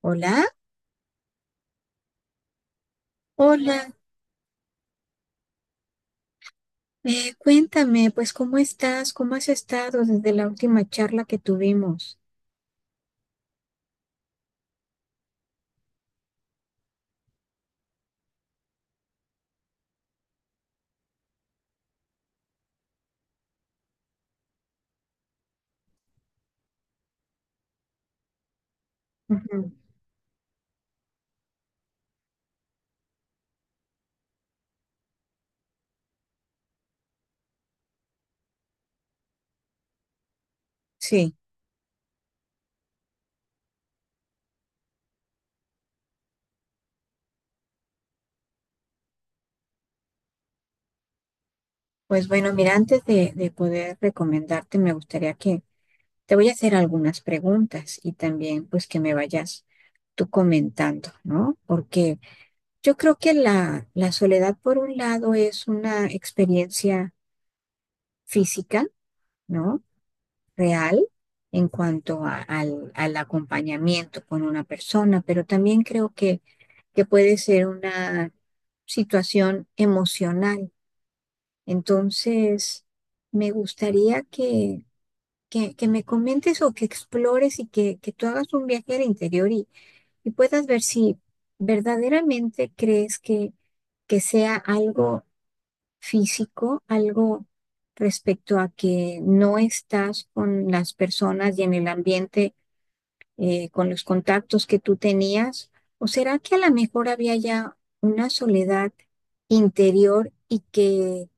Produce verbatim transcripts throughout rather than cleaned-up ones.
Hola, hola. Eh, cuéntame, pues, ¿cómo estás? ¿Cómo has estado desde la última charla que tuvimos? Ujú. Sí, pues bueno, mira, antes de, de poder recomendarte, me gustaría que te voy a hacer algunas preguntas y también pues que me vayas tú comentando, ¿no? Porque yo creo que la, la soledad, por un lado, es una experiencia física, ¿no?, real en cuanto a- al, al acompañamiento con una persona, pero también creo que, que puede ser una situación emocional. Entonces, me gustaría que, que, que me comentes o que explores y que, que tú hagas un viaje al interior y, y puedas ver si verdaderamente crees que, que sea algo físico, algo respecto a que no estás con las personas y en el ambiente eh, con los contactos que tú tenías. ¿O será que a lo mejor había ya una soledad interior y que,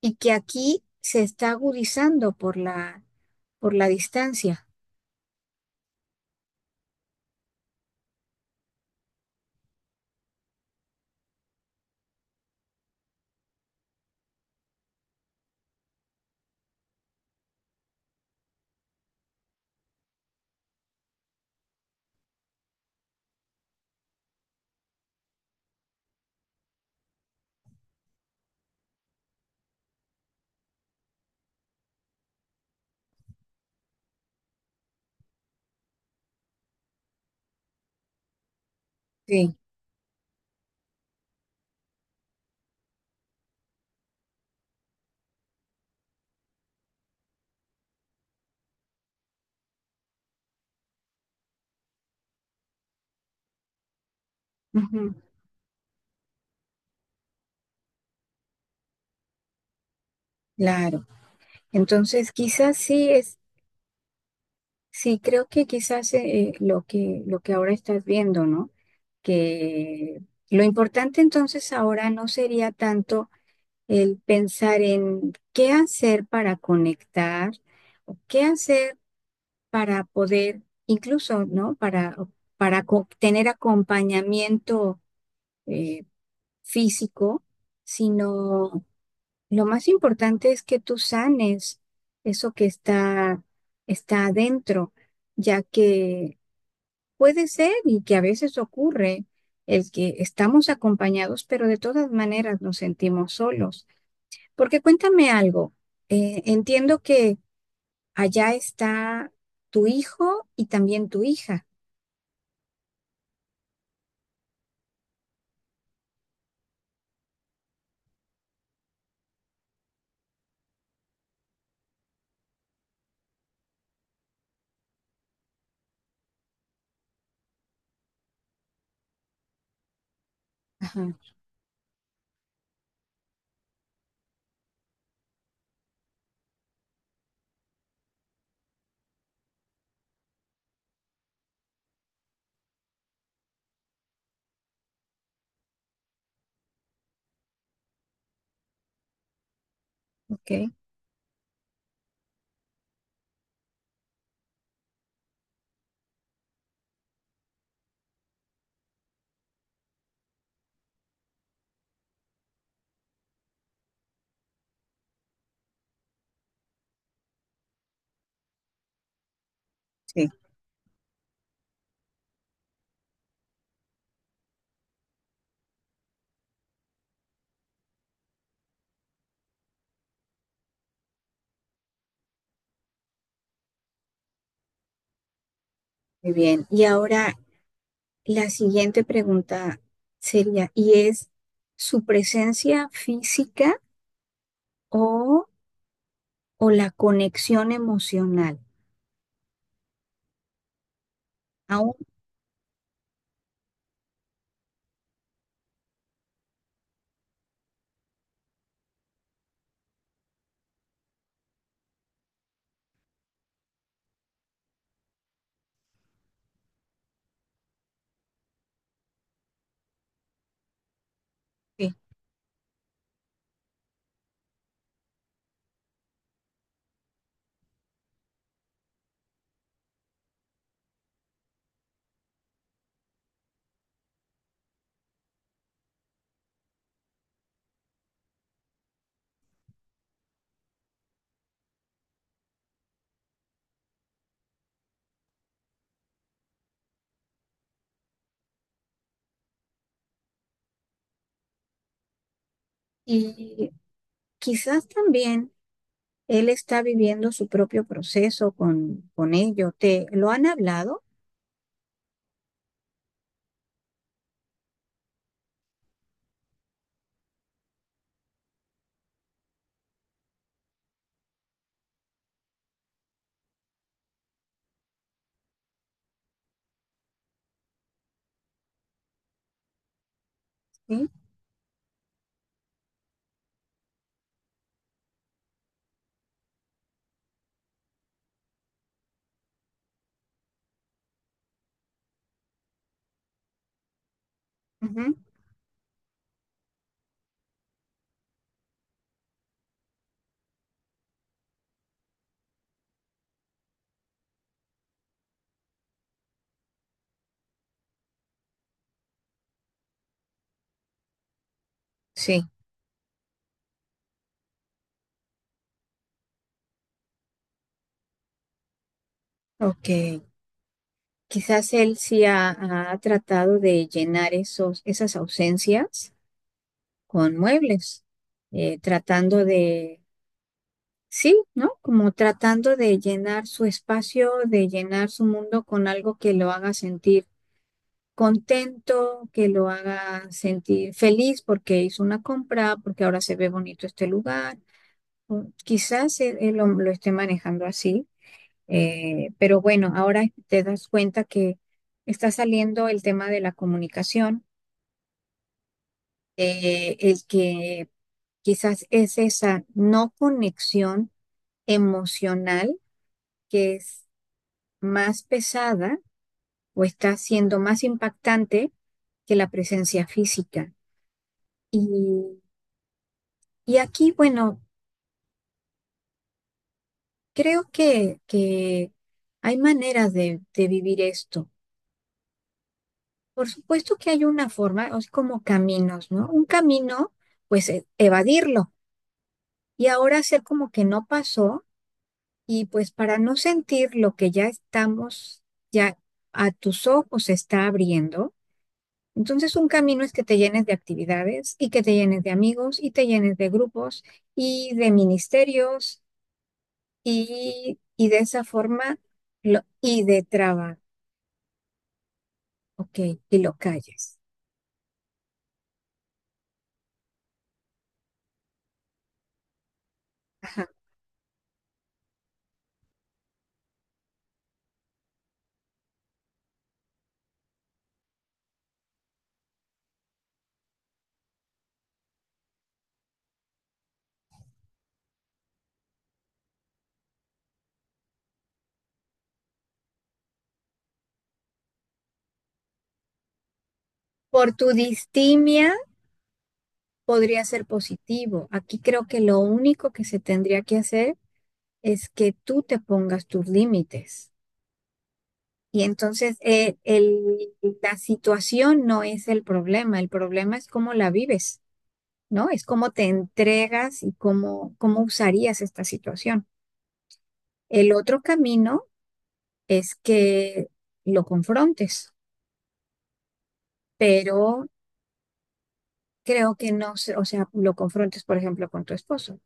y que aquí se está agudizando por la, por la distancia? Sí, ujú, claro. Entonces, quizás sí es, sí creo que quizás eh, lo que, lo que ahora estás viendo, ¿no? Que lo importante entonces ahora no sería tanto el pensar en qué hacer para conectar o qué hacer para poder, incluso, ¿no? Para, para co- tener acompañamiento eh, físico, sino lo más importante es que tú sanes eso que está, está adentro, ya que puede ser, y que a veces ocurre, el que estamos acompañados, pero de todas maneras nos sentimos solos. Porque cuéntame algo, eh, entiendo que allá está tu hijo y también tu hija. Ajá, ok, Sí. Muy bien. Y ahora la siguiente pregunta sería, ¿y es su presencia física o, o la conexión emocional? Aún que- Y quizás también él está viviendo su propio proceso con, con ello. ¿Te lo han hablado? Sí. Ujú. Sí, ok. Quizás él sí ha, ha tratado de llenar esos, esas ausencias con muebles, eh, tratando de, sí, ¿no? Como tratando de llenar su espacio, de llenar su mundo con algo que lo haga sentir contento, que lo haga sentir feliz porque hizo una compra, porque ahora se ve bonito este lugar. O quizás él, él lo lo esté manejando así. Eh, pero bueno, ahora te das cuenta que está saliendo el tema de la comunicación, eh, el que quizás es esa no conexión emocional que es más pesada o está siendo más impactante que la presencia física. Y, y aquí, bueno, creo que, que hay maneras de, de vivir esto. Por supuesto que hay una forma, o sea, como caminos, ¿no? Un camino, pues e- evadirlo y ahora hacer como que no pasó y pues para no sentir lo que ya estamos, ya a tus ojos se está abriendo. Entonces un camino es que te llenes de actividades y que te llenes de amigos y te llenes de grupos y de ministerios y, y de esa forma lo- y de trabajo, ok, y lo calles. Ajá. Por tu distimia podría ser positivo. Aquí creo que lo único que se tendría que hacer es que tú te pongas tus límites. Y entonces eh, el- la situación no es el problema, el problema es cómo la vives, ¿no? Es cómo te entregas y cómo, cómo usarías esta situación. El otro camino es que lo confrontes, pero creo que no, se- o sea, lo confrontes, por ejemplo, con tu esposo,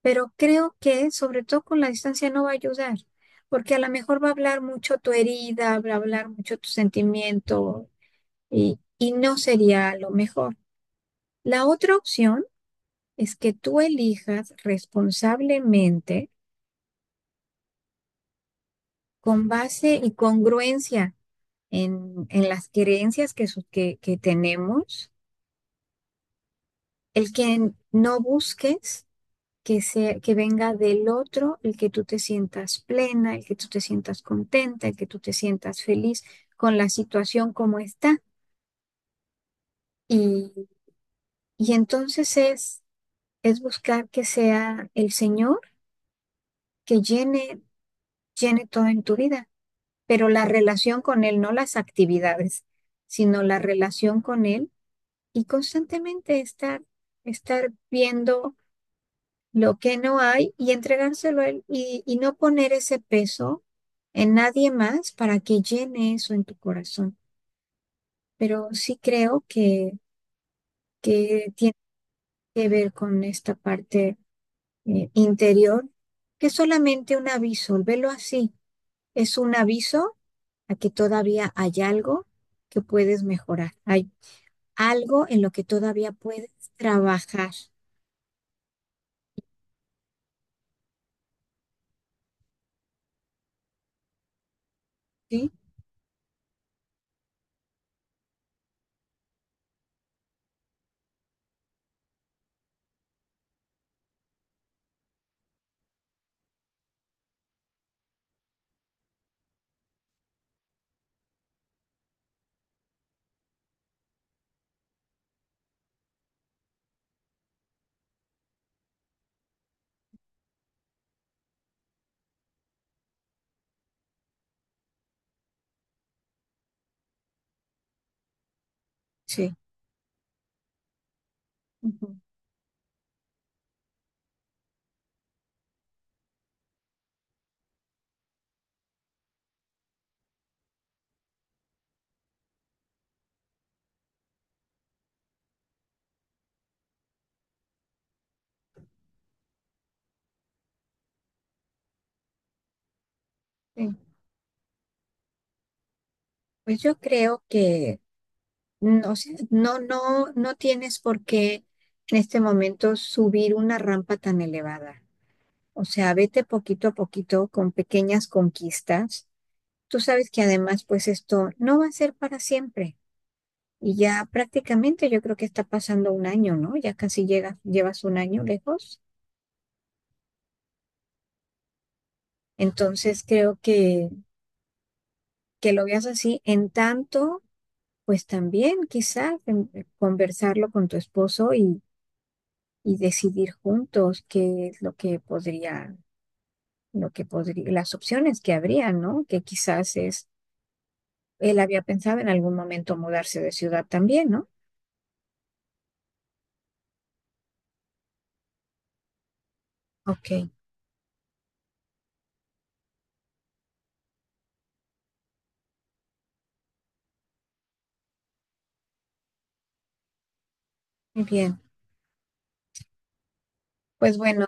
pero creo que sobre todo con la distancia no va a ayudar, porque a lo mejor va a hablar mucho tu herida, va a hablar mucho tu sentimiento y, y no sería lo mejor. La otra opción es que tú elijas responsablemente con base y congruencia en, en las creencias que, su- que, que tenemos, el que no busques que se, que venga del otro, el que tú te sientas plena, el que tú te sientas contenta, el que tú te sientas feliz con la situación como está. Y, y entonces es, es buscar que sea el Señor que llene, llene todo en tu vida, pero la relación con Él, no las actividades, sino la relación con Él, y constantemente estar, estar viendo lo que no hay y entregárselo a Él y, y no poner ese peso en nadie más para que llene eso en tu corazón. Pero sí creo que, que tiene que ver con esta parte eh, interior, que es solamente un aviso, velo así, es un aviso a que todavía hay algo que puedes mejorar, hay algo en lo que todavía puedes trabajar, ¿sí? Sí. Ujú, sí. Pues yo creo que no sé, no, no, no tienes por qué en este momento subir una rampa tan elevada. O sea, vete poquito a poquito con pequeñas conquistas. Tú sabes que además, pues esto no va a ser para siempre. Y ya prácticamente yo creo que está pasando un año, ¿no? Ya casi llegas, llevas un año lejos. Entonces creo que, que lo veas así. En tanto, pues también quizás em, conversarlo con tu esposo y y decidir juntos qué es lo que podría, lo que podría, las opciones que habría, ¿no? Que quizás es, él había pensado en algún momento mudarse de ciudad también, ¿no? Ok, muy bien. Pues bueno,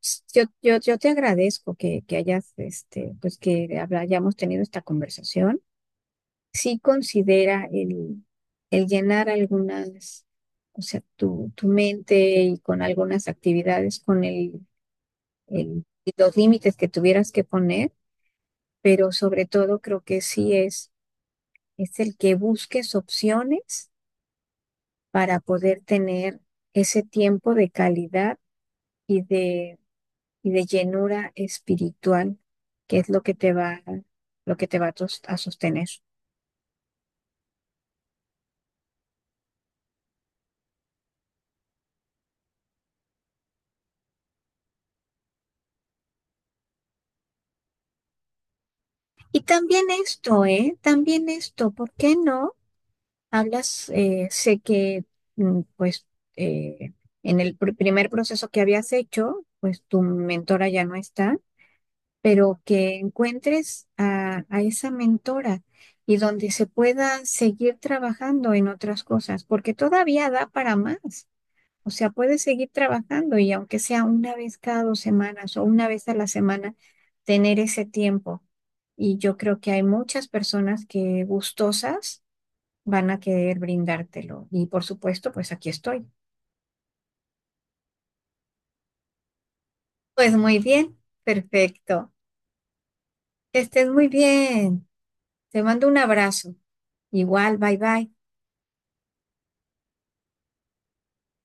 s- yo, yo, yo te agradezco que, que hayas, este, pues que habla- hayamos tenido esta conversación. Sí, considera el, el llenar algunas, o sea, tu, tu mente y con algunas actividades, con el, el- los límites que tuvieras que poner, pero sobre todo creo que sí es, es el que busques opciones para poder tener ese tiempo de calidad y de, y de llenura espiritual, que es lo que te va, lo que te va a, tos- a sostener. Y también esto, ¿eh? También esto, ¿por qué no? Hablas, eh, sé que, mm, pues, eh, en el pr- primer proceso que habías hecho, pues tu mentora ya no está, pero que encuentres a, a esa mentora y donde se pueda seguir trabajando en otras cosas, porque todavía da para más. O sea, puedes seguir trabajando y aunque sea una vez cada dos semanas o una vez a la semana, tener ese tiempo. Y yo creo que hay muchas personas que gustosas van a querer brindártelo. Y por supuesto, pues aquí estoy. Pues muy bien, perfecto. Que estés muy bien. Te mando un abrazo. Igual, bye bye.